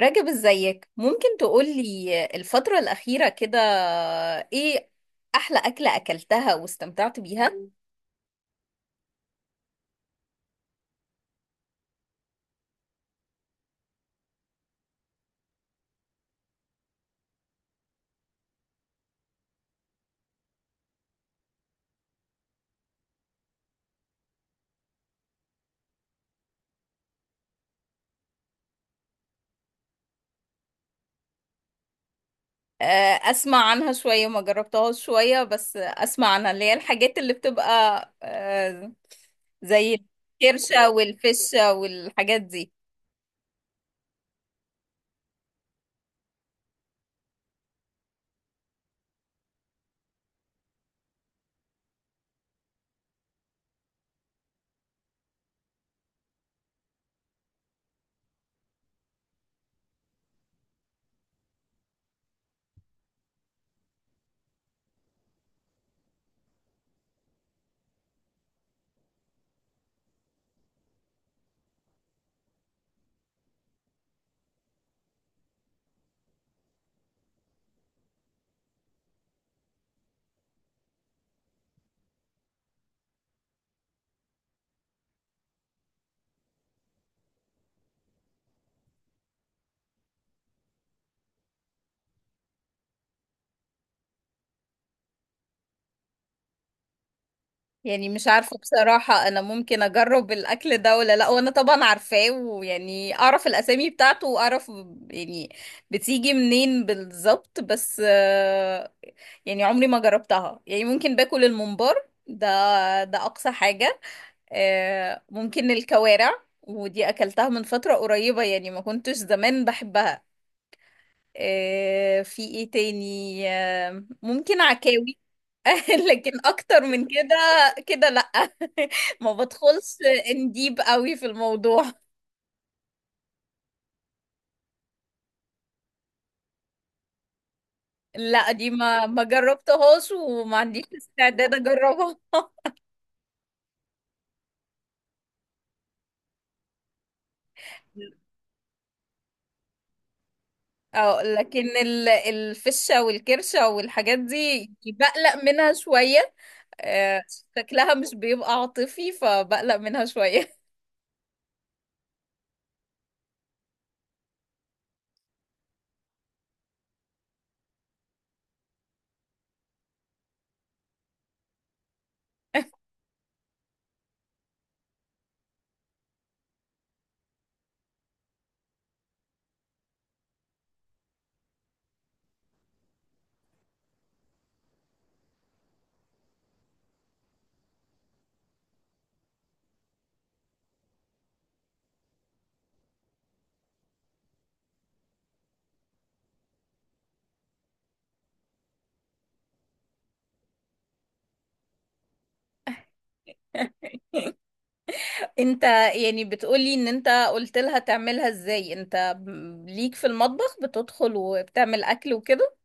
راجب، ازيك؟ ممكن تقولي الفترة الأخيرة كده ايه أحلى أكلة أكلتها واستمتعت بيها؟ آه، أسمع عنها شوية، ما جربتهاش شوية بس أسمع عنها اللي هي الحاجات اللي بتبقى زي الكرشة والفشة والحاجات دي. يعني مش عارفة بصراحة، أنا ممكن أجرب الأكل ده ولا لأ، وأنا طبعا عارفاه ويعني أعرف الأسامي بتاعته وأعرف يعني بتيجي منين بالظبط، بس يعني عمري ما جربتها، يعني ممكن باكل الممبار ده، ده أقصى حاجة. ممكن الكوارع، ودي أكلتها من فترة قريبة، يعني ما كنتش زمان بحبها. في إيه تاني؟ ممكن عكاوي. لكن اكتر من كده، كده لا. ما بدخلش انديب قوي في الموضوع. لا، دي ما جربتهاش، وما عنديش استعداد اجربها. اه، لكن الفشة والكرشة والحاجات دي بقلق منها شوية. آه، شكلها مش بيبقى عاطفي فبقلق منها شوية. انت يعني بتقولي ان انت قلت لها تعملها ازاي؟ انت ليك في المطبخ بتدخل وبتعمل اكل وكده؟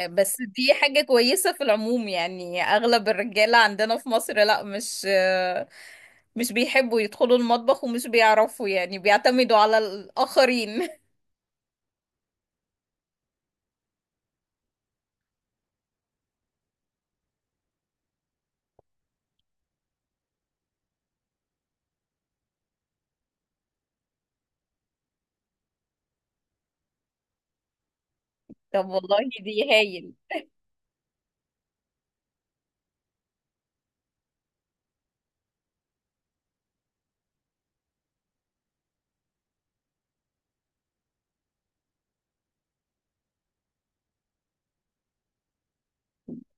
بس دي حاجة كويسة في العموم، يعني أغلب الرجالة عندنا في مصر لا، مش بيحبوا يدخلوا المطبخ، ومش بيعرفوا يعني، بيعتمدوا على الآخرين. طب والله دي هايل.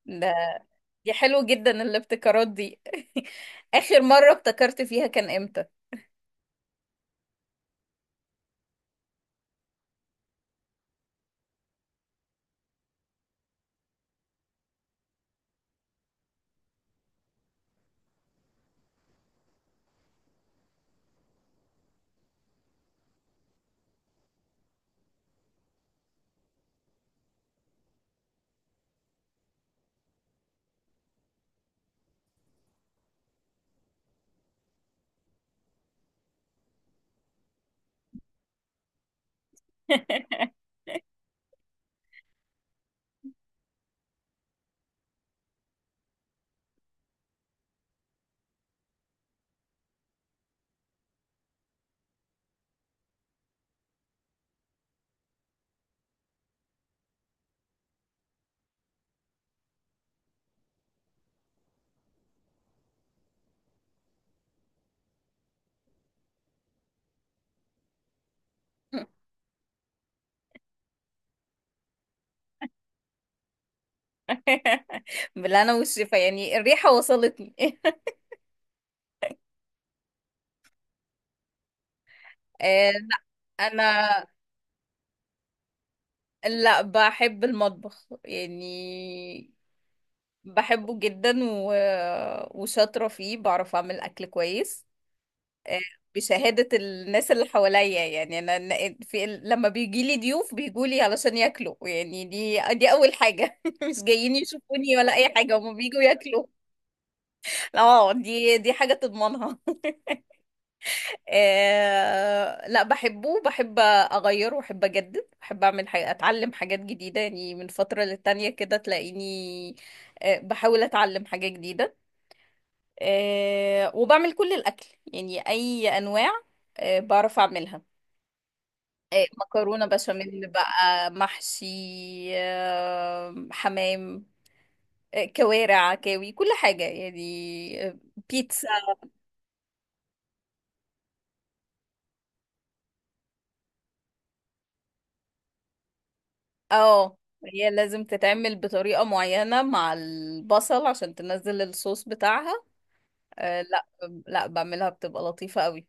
ده دي حلو جدا الابتكارات دي. آخر مرة ابتكرت فيها كان إمتى؟ بالله أنا والشفا، يعني الريحة وصلتني. لا، أنا لا، بحب المطبخ يعني، بحبه جدا و... وشاطرة فيه، بعرف أعمل أكل كويس بشهادة الناس اللي حواليا، يعني لما بيجيلي ضيوف بيجولي علشان ياكلوا، يعني دي أول حاجة. مش جايين يشوفوني ولا أي حاجة، هما بيجوا ياكلوا. اه، دي حاجة تضمنها. لا، بحبه، بحب أغير وبحب أجدد، بحب أعمل حاجة، أتعلم حاجات جديدة يعني، من فترة للتانية كده تلاقيني بحاول أتعلم حاجة جديدة، وبعمل كل الأكل، يعني أي أنواع بعرف أعملها. مكرونة بشاميل بقى، محشي، حمام، كوارع، عكاوي، كل حاجة يعني، بيتزا. اه، هي لازم تتعمل بطريقة معينة مع البصل عشان تنزل الصوص بتاعها. لا، لا، بعملها بتبقى لطيفة قوي.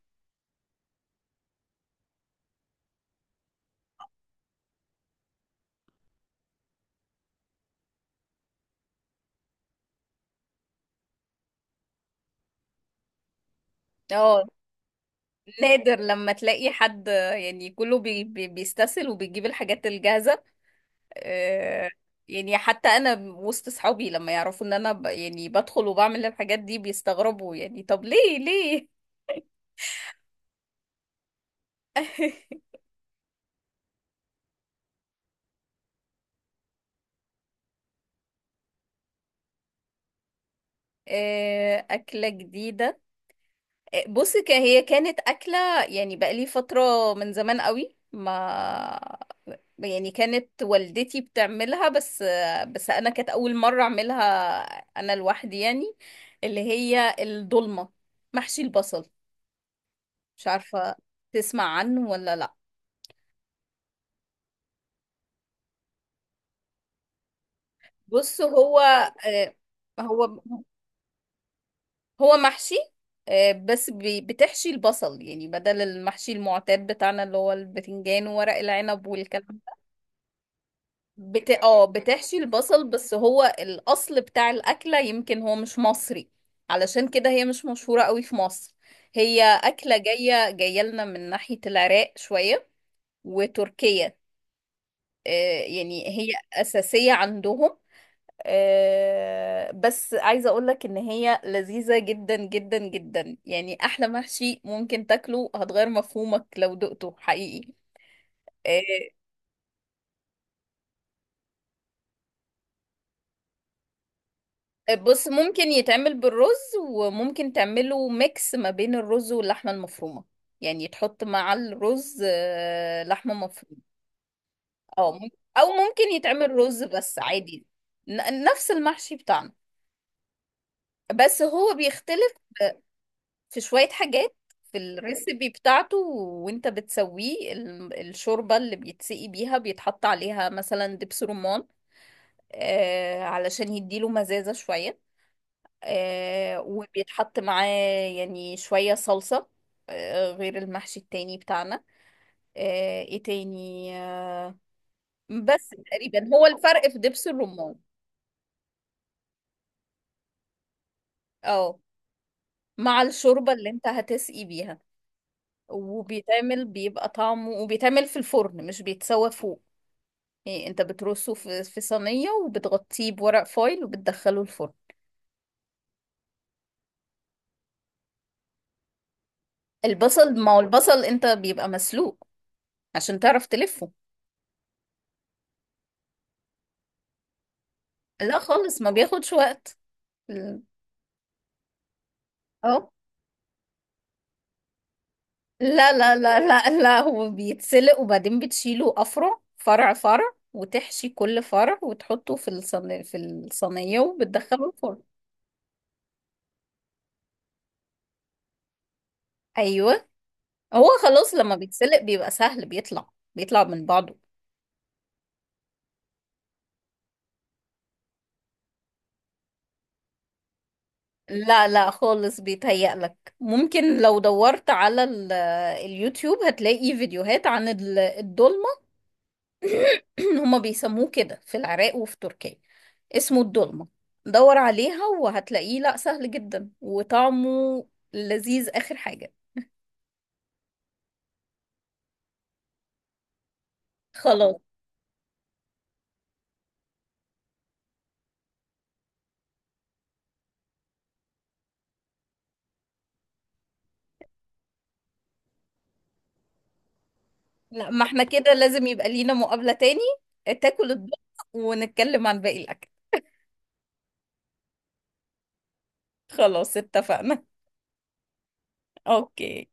اه، نادر لما تلاقي حد، يعني كله بيستسهل وبيجيب الحاجات الجاهزة. آه، يعني حتى انا وسط صحابي لما يعرفوا ان انا يعني بدخل وبعمل الحاجات دي بيستغربوا، يعني طب ليه، ليه؟ أكلة جديدة. بص، هي كانت أكلة، يعني بقالي فترة، من زمان قوي، ما يعني كانت والدتي بتعملها بس، بس أنا كانت أول مرة أعملها أنا لوحدي يعني، اللي هي الضلمة، محشي البصل. مش عارفة، تسمع عنه ولا لأ؟ بص، هو آه، هو محشي بس بتحشي البصل، يعني بدل المحشي المعتاد بتاعنا اللي هو البتنجان وورق العنب والكلام ده. اه، بتحشي البصل. بس هو الأصل بتاع الأكلة يمكن هو مش مصري، علشان كده هي مش مشهورة قوي في مصر. هي أكلة جاية جاية لنا من ناحية العراق شوية وتركيا. آه، يعني هي أساسية عندهم. بس عايزة اقولك ان هي لذيذة جدا جدا جدا، يعني احلى محشي ممكن تاكله، هتغير مفهومك لو دقته حقيقي. آه، بص، ممكن يتعمل بالرز، وممكن تعمله ميكس ما بين الرز واللحمة المفرومة، يعني تحط مع الرز لحمة مفرومة. او مم- او ممكن يتعمل رز بس عادي، نفس المحشي بتاعنا، بس هو بيختلف في شوية حاجات في الريسبي بتاعته. وانت بتسويه الشوربة اللي بيتسقي بيها بيتحط عليها مثلا دبس رمان، علشان يديله مزازة شوية، وبيتحط معاه يعني شوية صلصة، غير المحشي التاني بتاعنا. آه ايه تاني آه بس تقريبا هو الفرق في دبس الرمان. اه، مع الشوربة اللي انت هتسقي بيها، وبيتعمل بيبقى طعمه، وبيتعمل في الفرن مش بيتسوى فوق. إيه، انت بترصه في صينية، وبتغطيه بورق فويل، وبتدخله الفرن. البصل، ما هو البصل انت بيبقى مسلوق عشان تعرف تلفه. لا خالص، ما بياخدش وقت. ال- اه لا، لا، لا، لا، لا، هو بيتسلق وبعدين بتشيله افرع، فرع، فرع، وتحشي كل فرع وتحطه في الصينية وبتدخله الفرن. ايوه، هو خلاص لما بيتسلق بيبقى سهل، بيطلع من بعضه. لا، لا خالص، بيتهيألك ممكن لو دورت على اليوتيوب هتلاقي فيديوهات عن الدولمة. هما بيسموه كده في العراق وفي تركيا، اسمه الدولمة. دور عليها وهتلاقيه، لا سهل جدا، وطعمه لذيذ آخر حاجة. خلاص. لا، ما احنا كده لازم يبقى لينا مقابلة تاني، تاكل الدولمة، ونتكلم عن باقي الأكل. خلاص، اتفقنا. اوكي.